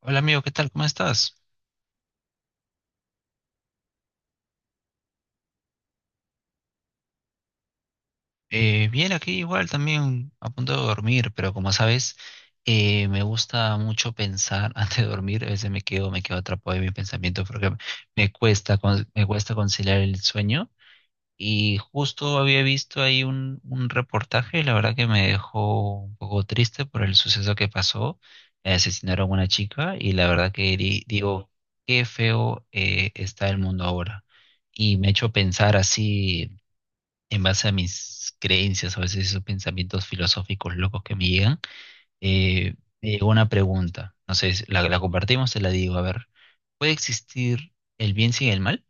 Hola amigo, ¿qué tal? ¿Cómo estás? Bien, aquí igual también a punto de dormir, pero como sabes, me gusta mucho pensar antes de dormir. A veces me quedo atrapado en mis pensamientos porque me cuesta, me cuesta conciliar el sueño. Y justo había visto ahí un reportaje, la verdad que me dejó un poco triste por el suceso que pasó. Asesinaron a una chica y la verdad que digo, qué feo está el mundo ahora. Y me ha hecho pensar así en base a mis creencias, a veces esos pensamientos filosóficos locos que me llegan, eh, me llegó una pregunta. No sé, la, la compartimos, te la digo. A ver, ¿puede existir el bien sin el mal?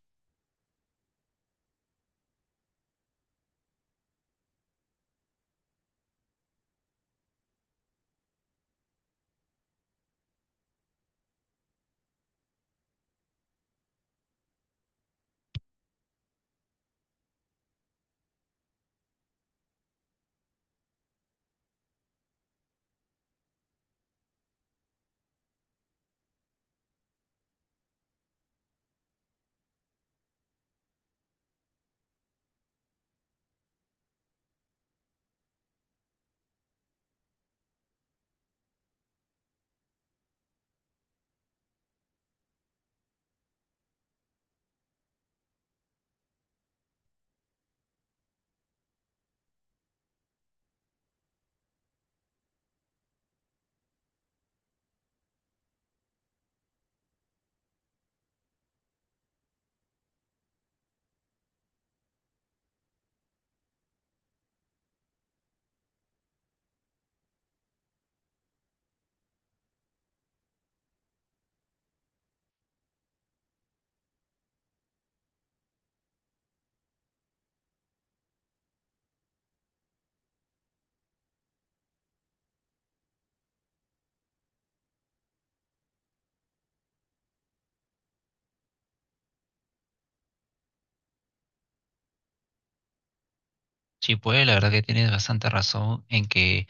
Sí, puede, la verdad que tienes bastante razón en que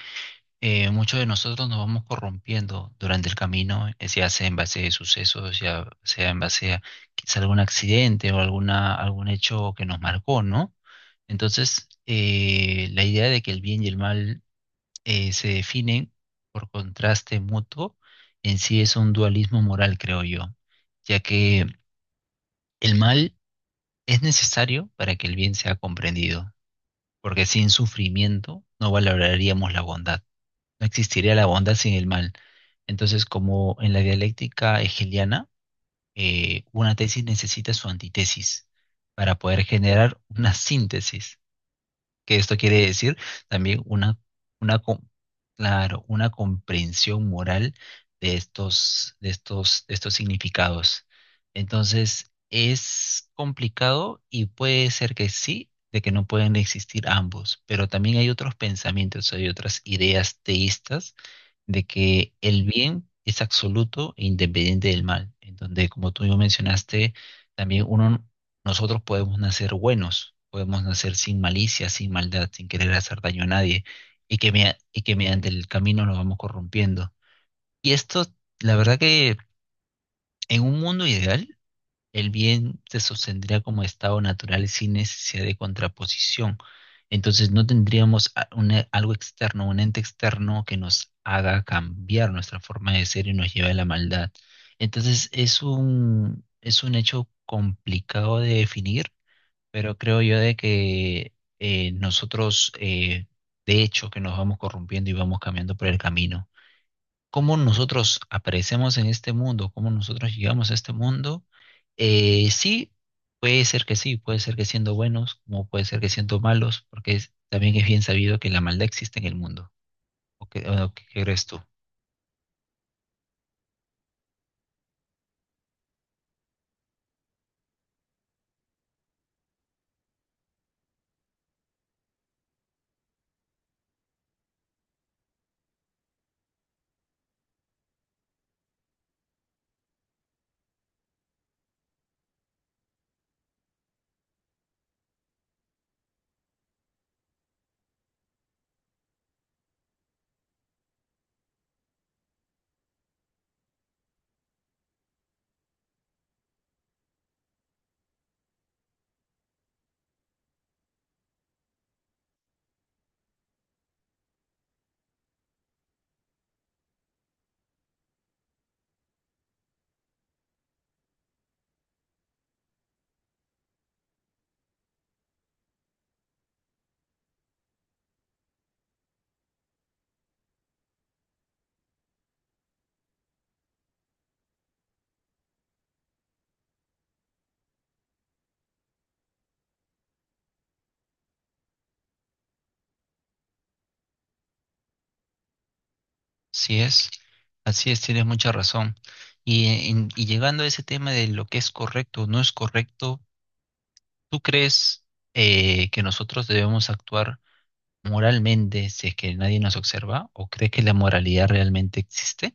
muchos de nosotros nos vamos corrompiendo durante el camino, ya sea en base a sucesos, ya sea en base a quizá algún accidente o alguna, algún hecho que nos marcó, ¿no? Entonces, la idea de que el bien y el mal se definen por contraste mutuo, en sí es un dualismo moral, creo yo, ya que el mal es necesario para que el bien sea comprendido, porque sin sufrimiento no valoraríamos la bondad, no existiría la bondad sin el mal. Entonces, como en la dialéctica hegeliana, una tesis necesita su antítesis para poder generar una síntesis. Que esto quiere decir también una, una, claro, una comprensión moral de estos, de estos significados. Entonces, es complicado y puede ser que sí, de que no pueden existir ambos, pero también hay otros pensamientos, hay otras ideas teístas de que el bien es absoluto e independiente del mal, en donde, como tú mismo mencionaste, también uno, nosotros podemos nacer buenos, podemos nacer sin malicia, sin maldad, sin querer hacer daño a nadie, y que, y que mediante el camino nos vamos corrompiendo. Y esto, la verdad que en un mundo ideal, el bien se sostendría como estado natural sin necesidad de contraposición. Entonces no tendríamos algo externo, un ente externo que nos haga cambiar nuestra forma de ser y nos lleve a la maldad. Entonces es un hecho complicado de definir, pero creo yo de que nosotros, de hecho, que nos vamos corrompiendo y vamos cambiando por el camino cómo nosotros aparecemos en este mundo, cómo nosotros llegamos a este mundo, sí, puede ser que sí, puede ser que siendo buenos, como puede ser que siendo malos, porque también es bien sabido que la maldad existe en el mundo. O qué crees tú? Sí es, así es, tienes mucha razón. Y llegando a ese tema de lo que es correcto o no es correcto, ¿tú crees que nosotros debemos actuar moralmente si es que nadie nos observa? ¿O crees que la moralidad realmente existe?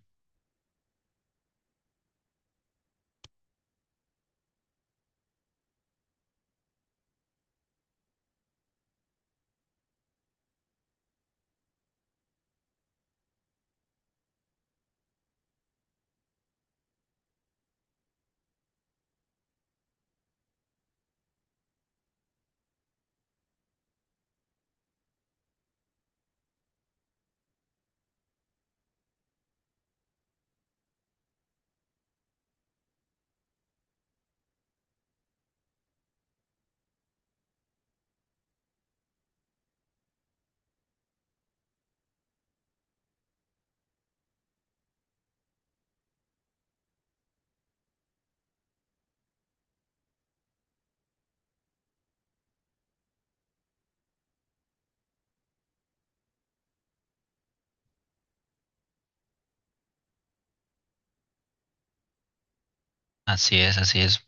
Así es, así es.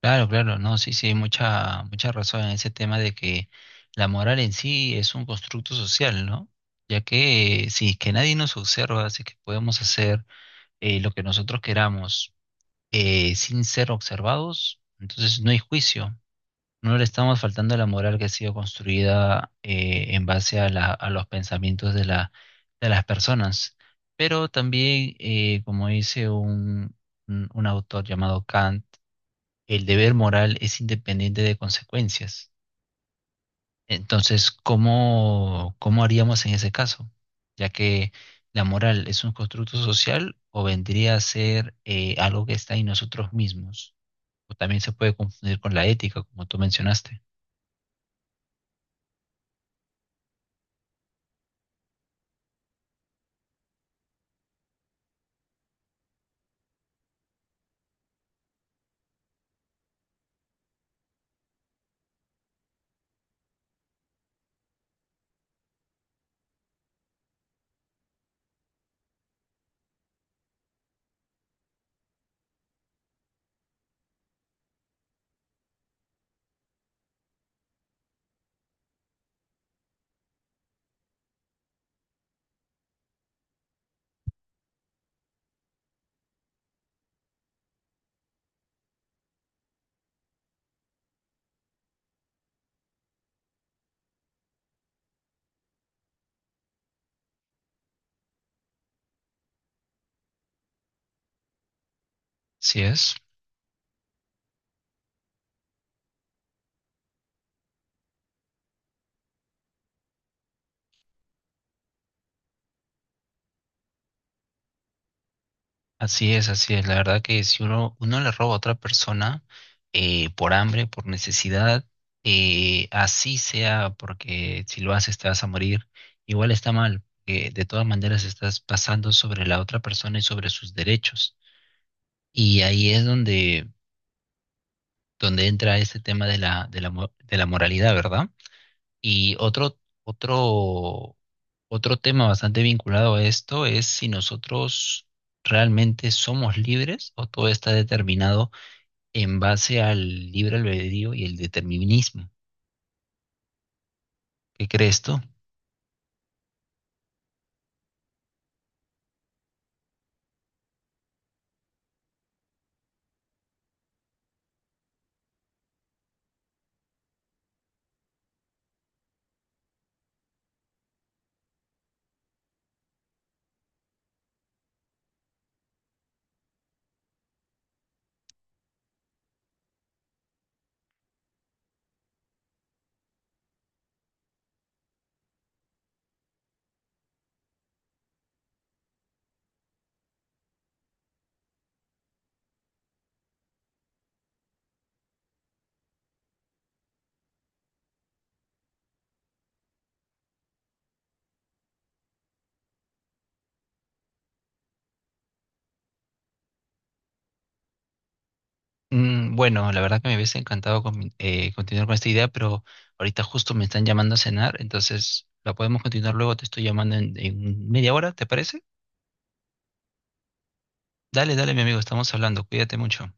Claro, claro, no, sí, sí, hay mucha, mucha razón en ese tema de que la moral en sí es un constructo social, ¿no? Ya que si es que nadie nos observa, si es que podemos hacer lo que nosotros queramos sin ser observados, entonces no hay juicio. No le estamos faltando a la moral que ha sido construida en base a, a los pensamientos de de las personas. Pero también, como dice un autor llamado Kant, el deber moral es independiente de consecuencias. Entonces, ¿cómo, cómo haríamos en ese caso? Ya que la moral es un constructo social o vendría a ser algo que está en nosotros mismos. O también se puede confundir con la ética, como tú mencionaste. ¿Sí es? Así es, así es. La verdad que si uno, uno le roba a otra persona por hambre, por necesidad, así sea porque si lo haces te vas a morir, igual está mal, que de todas maneras estás pasando sobre la otra persona y sobre sus derechos. Y ahí es donde, donde entra este tema de la, de la, de la moralidad, ¿verdad? Y otro, otro tema bastante vinculado a esto es si nosotros realmente somos libres o todo está determinado en base al libre albedrío y el determinismo. ¿Qué crees tú? Mm, bueno, la verdad que me hubiese encantado continuar con esta idea, pero ahorita justo me están llamando a cenar, entonces la podemos continuar luego. Te estoy llamando en media hora, ¿te parece? Dale, dale, mi amigo, estamos hablando. Cuídate mucho.